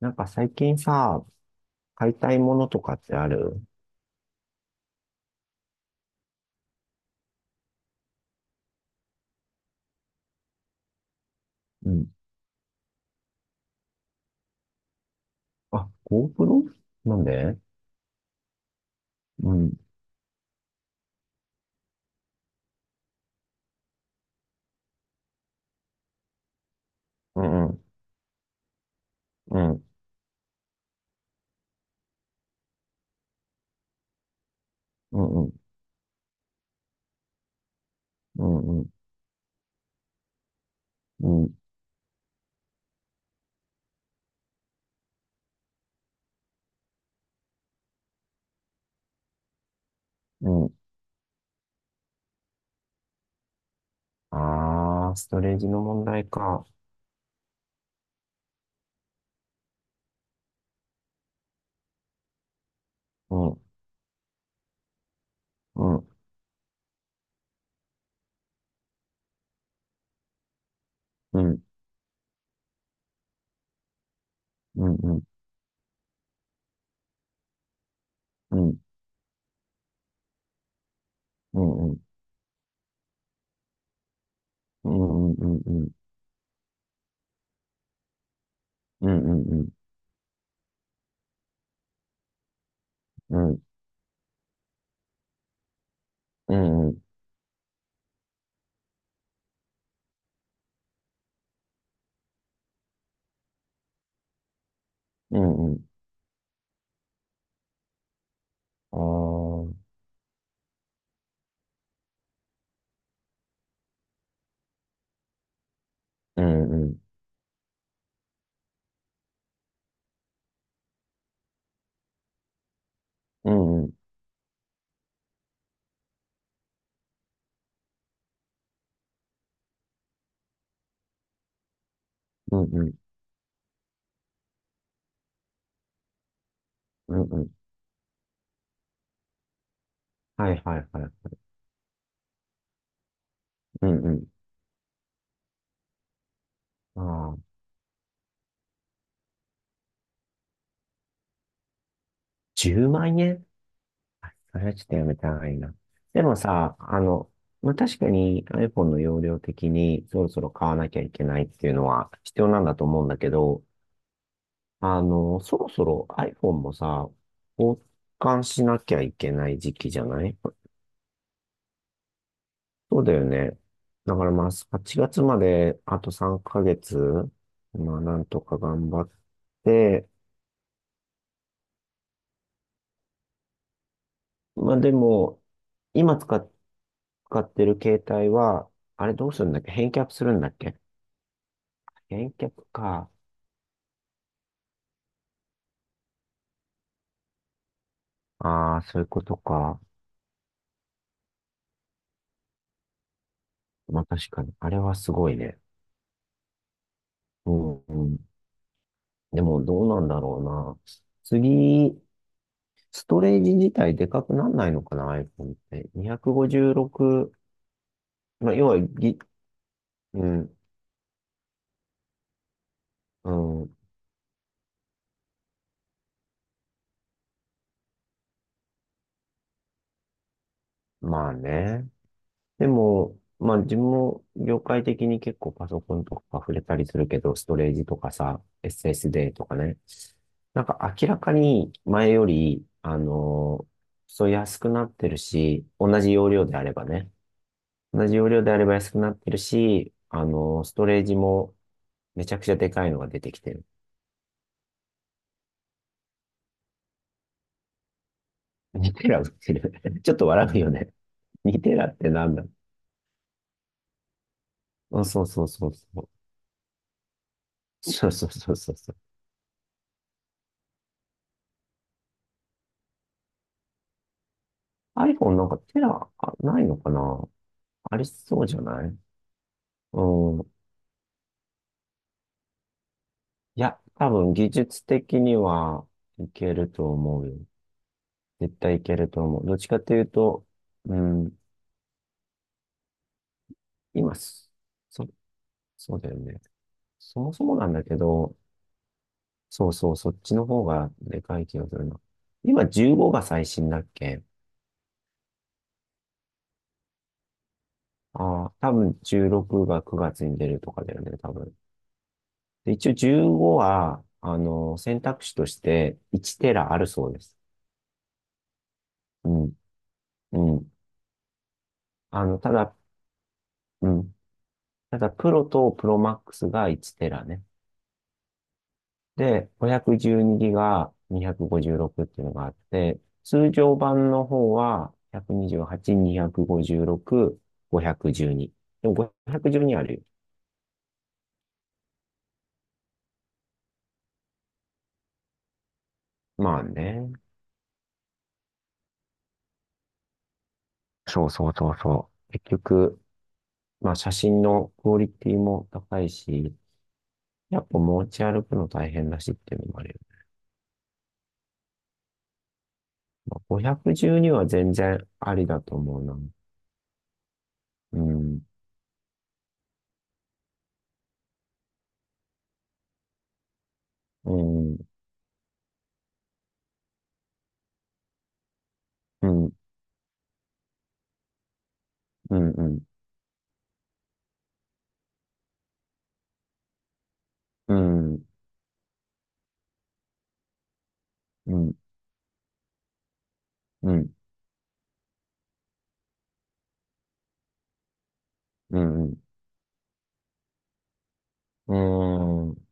なんか最近さ、買いたいものとかってある？うん。あ、GoPro? なんで？うん、うん、うん、うん、うん、うん、うん、うん。うん。あー、ストレージの問題か。うん、うん、うん、うん、うん、うん、うん、うん、うん、うん、うん、うん、うん、うん、うん、うん、うん、うん、あー、うん、うん、うん、うん、うん、うん、うん、はい、はい、はい。うん、うん。あー、10万円？それはちょっとやめた方がいいな。でもさ、あの、まあ、確かに iPhone の容量的にそろそろ買わなきゃいけないっていうのは必要なんだと思うんだけど、あの、そろそろ iPhone もさ、交換しなきゃいけない時期じゃない？そうだよね。だからまあ、8月まであと3ヶ月、まあ、なんとか頑張って、まあでも、今使っ、使ってる携帯は、あれどうするんだっけ？返却するんだっけ？返却か。ああ、そういうことか。まあ確かに。あれはすごいね。うん、うん。でもどうなんだろうな。次、ストレージ自体でかくなんないのかな、iPhone って。256、まあ要はぎ、うん、うん、まあね。でも、まあ自分も業界的に結構パソコンとか触れたりするけど、ストレージとかさ、SSD とかね。なんか明らかに前より、あの、そう安くなってるし、同じ容量であればね。同じ容量であれば安くなってるし、あのストレージもめちゃくちゃでかいのが出てきてる。2テラ売ってる。ちょっと笑うよね。2テラってなんだ？あ、そうそうそうそうそうそうそうそうそう。iPhone なんかテラあないのかな？ありそうじゃない？うん。いや、多分技術的にはいけると思うよ。絶対いけると思う。どっちかというと、うん、今す、そ、そうだよね。そもそもなんだけど、そうそう、そっちの方がでかい気がするな。今15が最新だっけ？ああー、多分16が9月に出るとかだよね、多分。で、一応15は、あの、選択肢として1テラあるそうです。うん、うん。あの、ただ、うん。だからプロとプロマックスが1テラね。で、512ギガ256っていうのがあって、通常版の方は128、256、512。でも512あるよ。まあね。そうそうそうそう。結局、まあ写真のクオリティも高いし、やっぱ持ち歩くの大変だしっていうのもあるよ。まあ、512は全然ありだと思うな。うん、うん、うん、うん、うん。うん、うん、うん、うん、うん。うーん。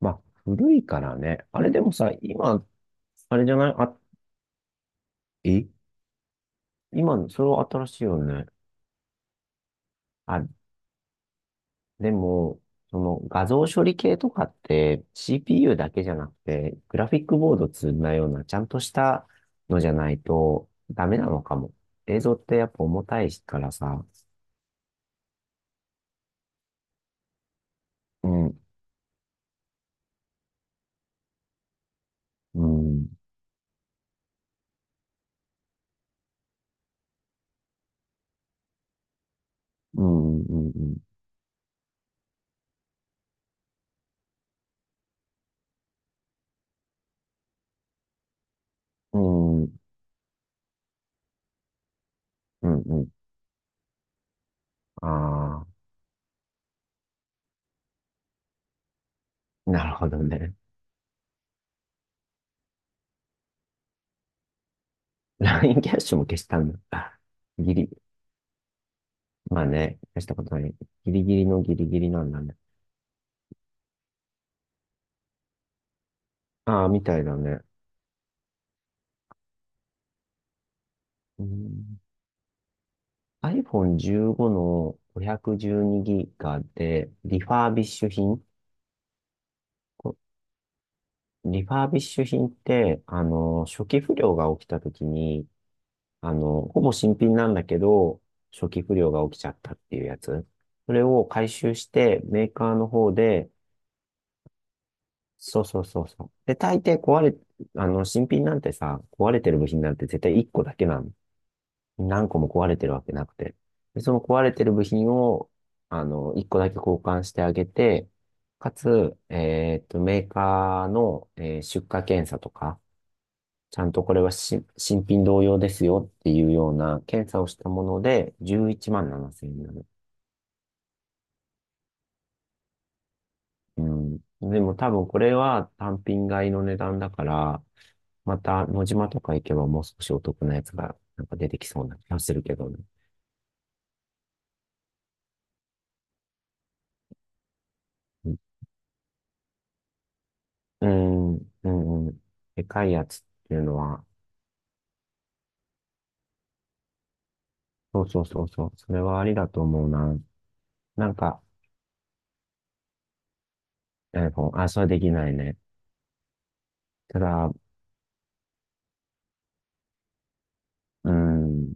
まあ、古いからね。あれでもさ、今、あれじゃない？あ、え今、それは新しいよね。あ、でも、その画像処理系とかって CPU だけじゃなくて、グラフィックボード積んだような、ちゃんとしたのじゃないとダメなのかも。映像ってやっぱ重たいからさ。うん、うん、うん、うん、うん、うん、うん、うん。ああー、なるほどね。LINE キャッシュも消したんだ？ギリ、まあね、消したことない。ギリギリのギリギリなんだね。ああ、みたいだね。うん。iPhone 15の 512GB で、リファービッシュ品？こリファービッシュ品って、あの、初期不良が起きた時に、あの、ほぼ新品なんだけど、初期不良が起きちゃったっていうやつ。それを回収して、メーカーの方で、そうそうそうそう。で、大抵壊れ、あの、新品なんてさ、壊れてる部品なんて絶対1個だけなの。何個も壊れてるわけなくて。で、その壊れてる部品を、あの、1個だけ交換してあげて、かつ、メーカーの、出荷検査とか、ちゃんとこれは新品同様ですよっていうような検査をしたもので、11万7000円。うん。でも多分これは単品買いの値段だから、また野島とか行けばもう少しお得なやつがなんか出てきそうな気がするけどね。うん、うん、うん。でかいやつっていうのは、そうそうそうそう。それはありだと思うな。なんか、iPhone、あ、それはできないね。ただ、うん。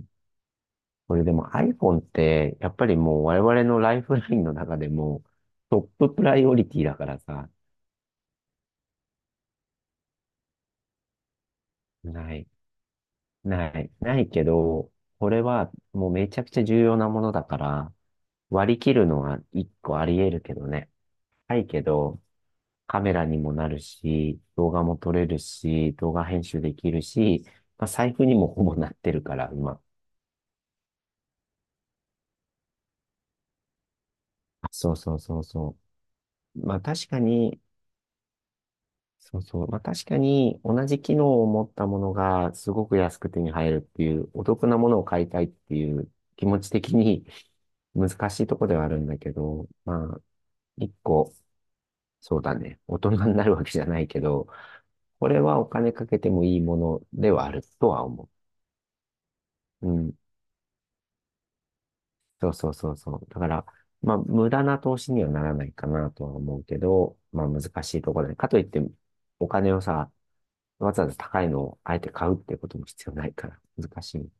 これでも iPhone って、やっぱりもう我々のライフラインの中でもトッププライオリティだからさ、ない。ないけど、これはもうめちゃくちゃ重要なものだから、割り切るのは一個あり得るけどね。ないけど、カメラにもなるし、動画も撮れるし、動画編集できるし、まあ、財布にもほぼなってるから、今。あ、そうそうそうそう。まあ確かに、そうそう。まあ確かに同じ機能を持ったものがすごく安く手に入るっていう、お得なものを買いたいっていう気持ち的に 難しいとこではあるんだけど、まあ一個、そうだね。大人になるわけじゃないけど、これはお金かけてもいいものではあるとは思う。うん、そうそうそうそう。だから、まあ、無駄な投資にはならないかなとは思うけど、まあ、難しいところで。かといって、お金をさ、わざわざ高いのをあえて買うってことも必要ないから、難しい。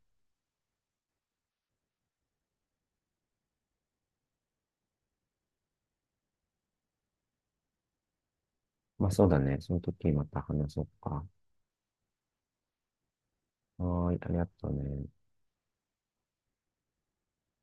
まあ、そうだね。その時また話そうか。はーい、ありがとうね。